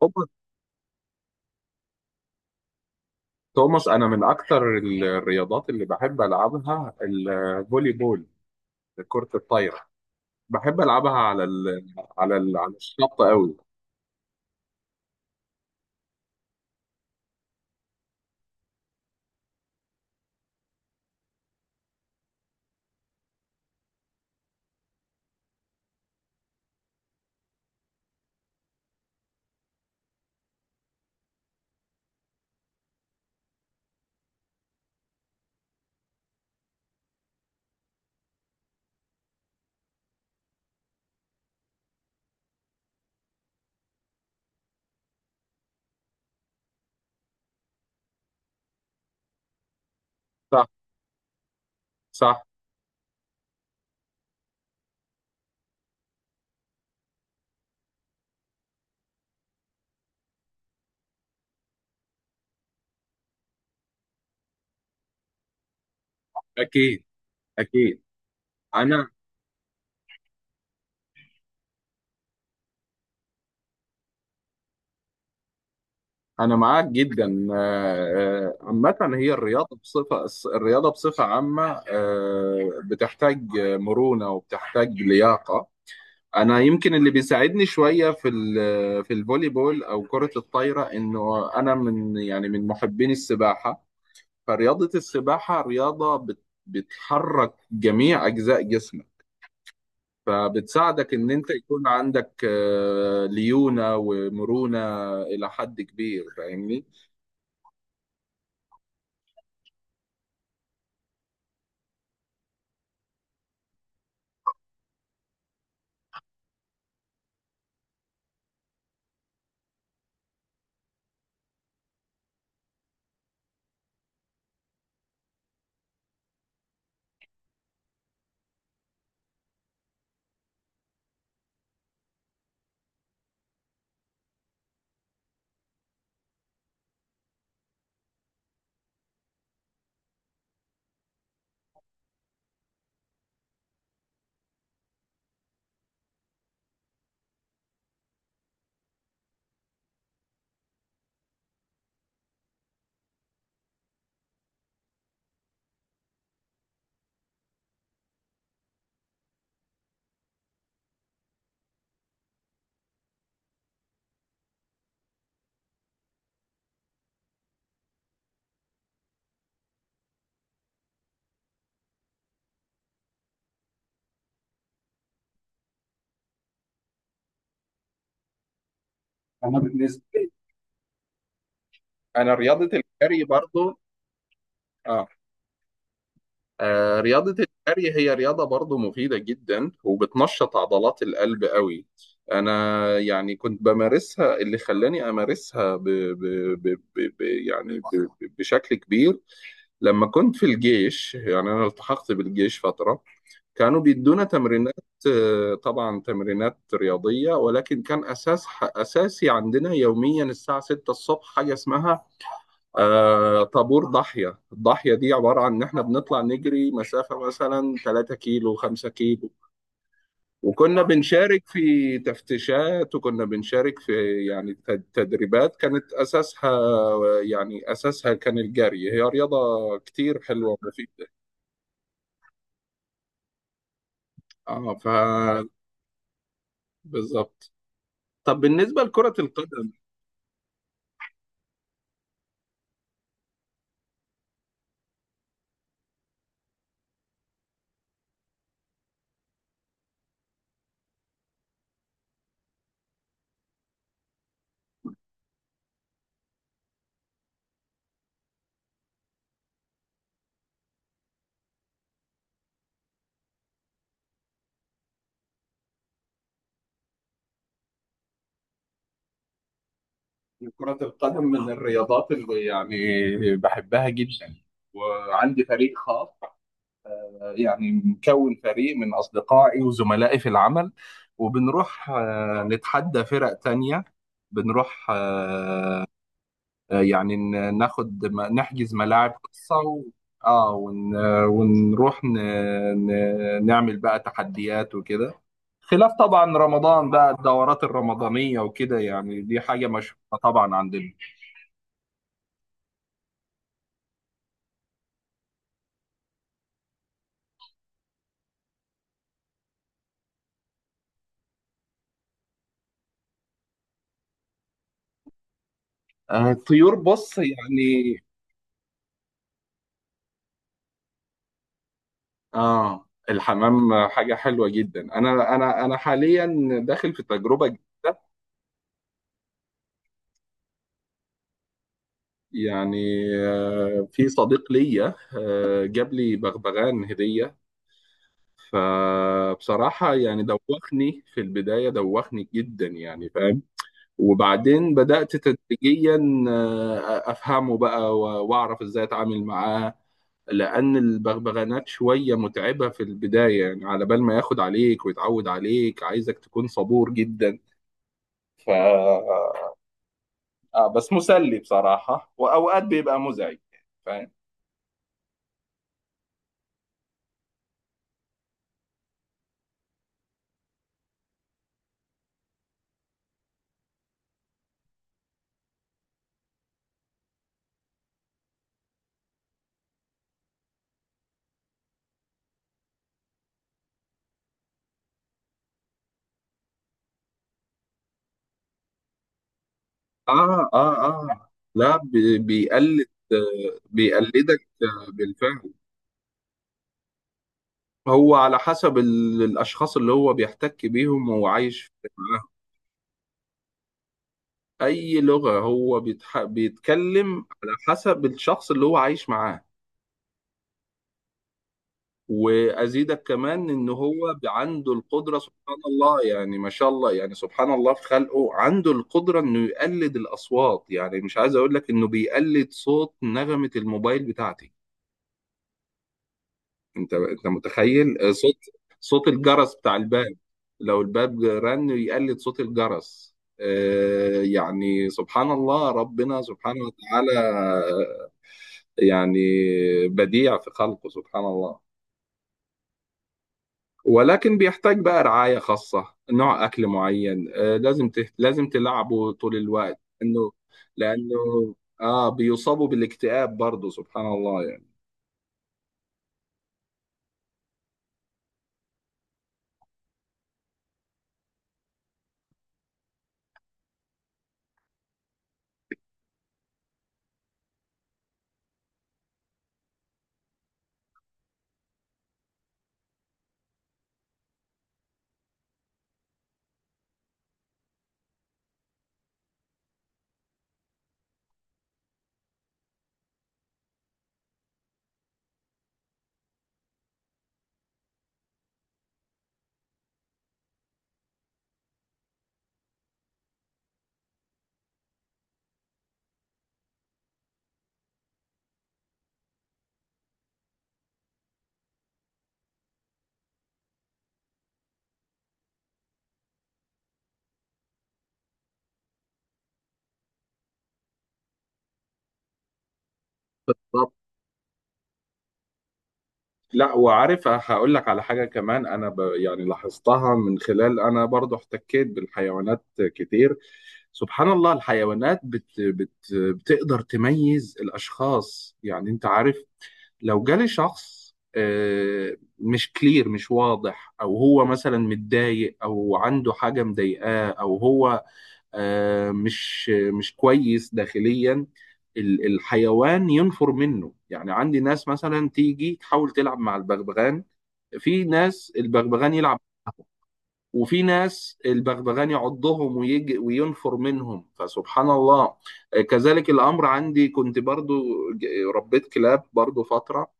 توماس. توماس، انا من اكتر الرياضات اللي بحب العبها الفولي بول. كرة الطايرة. بحب العبها على الشط قوي. صح. صح. اكيد. اكيد. انا انا معاك جدا. عامة، هي الرياضة بصفة الرياضة بصفة عامة بتحتاج مرونة وبتحتاج لياقة. انا يمكن اللي بيساعدني شويه في في الفولي بول او كره الطايره، انه انا يعني من محبين السباحه. فرياضة السباحة رياضة بتحرك جميع أجزاء جسمك، فبتساعدك إن أنت يكون عندك ليونة ومرونة إلى حد كبير. فاهمني؟ أنا بالنسبة لي أنا رياضة الجري برضو. آه رياضة الجري هي رياضة برضو مفيدة جدا، وبتنشط عضلات القلب قوي. أنا يعني كنت بمارسها، اللي خلاني أمارسها ب... يعني بشكل كبير لما كنت في الجيش. يعني أنا التحقت بالجيش فترة، كانوا بيدونا تمرينات، طبعا تمرينات رياضية. ولكن كان أساس أساسي عندنا يوميا الساعة 6 الصبح حاجة اسمها طابور ضاحية. الضاحية دي عبارة عن إن إحنا بنطلع نجري مسافة مثلا 3 كيلو، 5 كيلو. وكنا بنشارك في تفتيشات، وكنا بنشارك في يعني تدريبات كانت أساسها، يعني أساسها كان الجري. هي رياضة كتير حلوة ومفيدة. اه. بالظبط. طب بالنسبة لكرة القدم، كرة القدم من الرياضات اللي يعني بحبها جدا. وعندي فريق خاص، يعني مكون فريق من أصدقائي وزملائي في العمل. وبنروح نتحدى فرق تانية. بنروح يعني نحجز ملاعب خاصة. و... اه. ونروح نعمل بقى تحديات وكده. خلاف طبعا رمضان بقى، الدورات الرمضانية وكده، يعني دي حاجة مشهورة طبعا عندنا. الطيور، بص يعني. اه. الحمام حاجة حلوة جدا. انا حاليا داخل في تجربة جديدة. يعني في صديق ليا جاب لي بغبغان هدية، فبصراحة يعني دوخني في البداية، دوخني جدا يعني. فاهم. وبعدين بدأت تدريجيا أفهمه بقى وأعرف إزاي أتعامل معاه، لأن البغبغانات شوية متعبة في البداية، يعني على بال ما ياخد عليك ويتعود عليك عايزك تكون صبور جدا. ف آه بس مسلي بصراحة، وأوقات بيبقى مزعج. فاهم؟ آه، آه، آه، لا، بيقلد بيقلدك بالفعل. هو على حسب الأشخاص اللي هو بيحتك بيهم وهو عايش معاهم. أي لغة هو بيتكلم على حسب الشخص اللي هو عايش معاه. وأزيدك كمان إن هو عنده القدرة، سبحان الله، يعني ما شاء الله، يعني سبحان الله في خلقه، عنده القدرة إنه يقلد الأصوات. يعني مش عايز أقول لك إنه بيقلد صوت نغمة الموبايل بتاعتي. انت متخيل؟ صوت الجرس بتاع الباب. لو الباب رن يقلد صوت الجرس، يعني سبحان الله، ربنا سبحانه وتعالى، آه، يعني بديع في خلقه، سبحان الله. ولكن بيحتاج بقى رعاية خاصة، نوع أكل معين، لازم تلعبه طول الوقت، إنه لأنه بيصابوا بالاكتئاب برضه، سبحان الله يعني. لا، وعارف هقول لك على حاجة كمان. أنا يعني لاحظتها من خلال أنا برضو احتكيت بالحيوانات كتير. سبحان الله، الحيوانات بتقدر تميز الأشخاص. يعني أنت عارف، لو جالي شخص مش كلير، مش واضح، أو هو مثلا متضايق، أو عنده حاجة مضايقاه، أو هو آه، مش مش كويس داخليا، الحيوان ينفر منه. يعني عندي ناس مثلا تيجي تحاول تلعب مع البغبغان، في ناس البغبغان يلعب، وفي ناس البغبغان يعضهم ويجي وينفر منهم، فسبحان الله. كذلك الأمر عندي. كنت برضو ج- ربيت كلاب برضو فترة.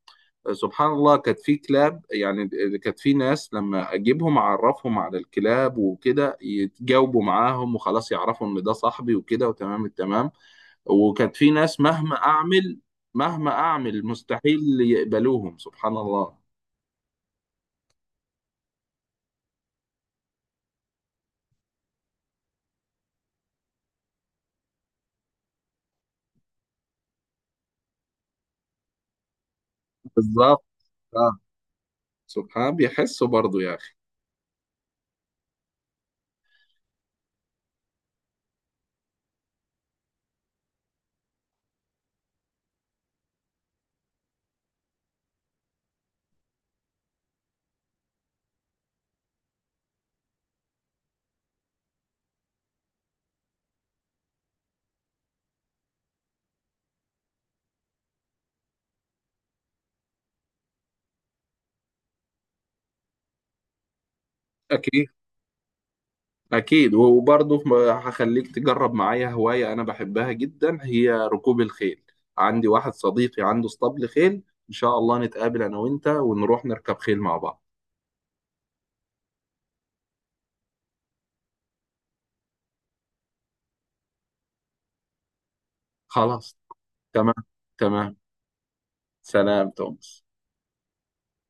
سبحان الله، كانت في كلاب، يعني كانت في ناس لما اجيبهم اعرفهم على الكلاب وكده يتجاوبوا معاهم وخلاص، يعرفوا ان ده صاحبي وكده وتمام التمام. وكانت في ناس مهما اعمل، مهما اعمل، مستحيل يقبلوهم، سبحان الله. بالظبط. اه. بيحسوا برضو يا اخي. اكيد. أكيد. وبرضه هخليك تجرب معايا هواية أنا بحبها جدا، هي ركوب الخيل. عندي واحد صديقي عنده اسطبل خيل، إن شاء الله نتقابل أنا وأنت ونروح نركب خيل مع بعض. خلاص. تمام. تمام. سلام تومس.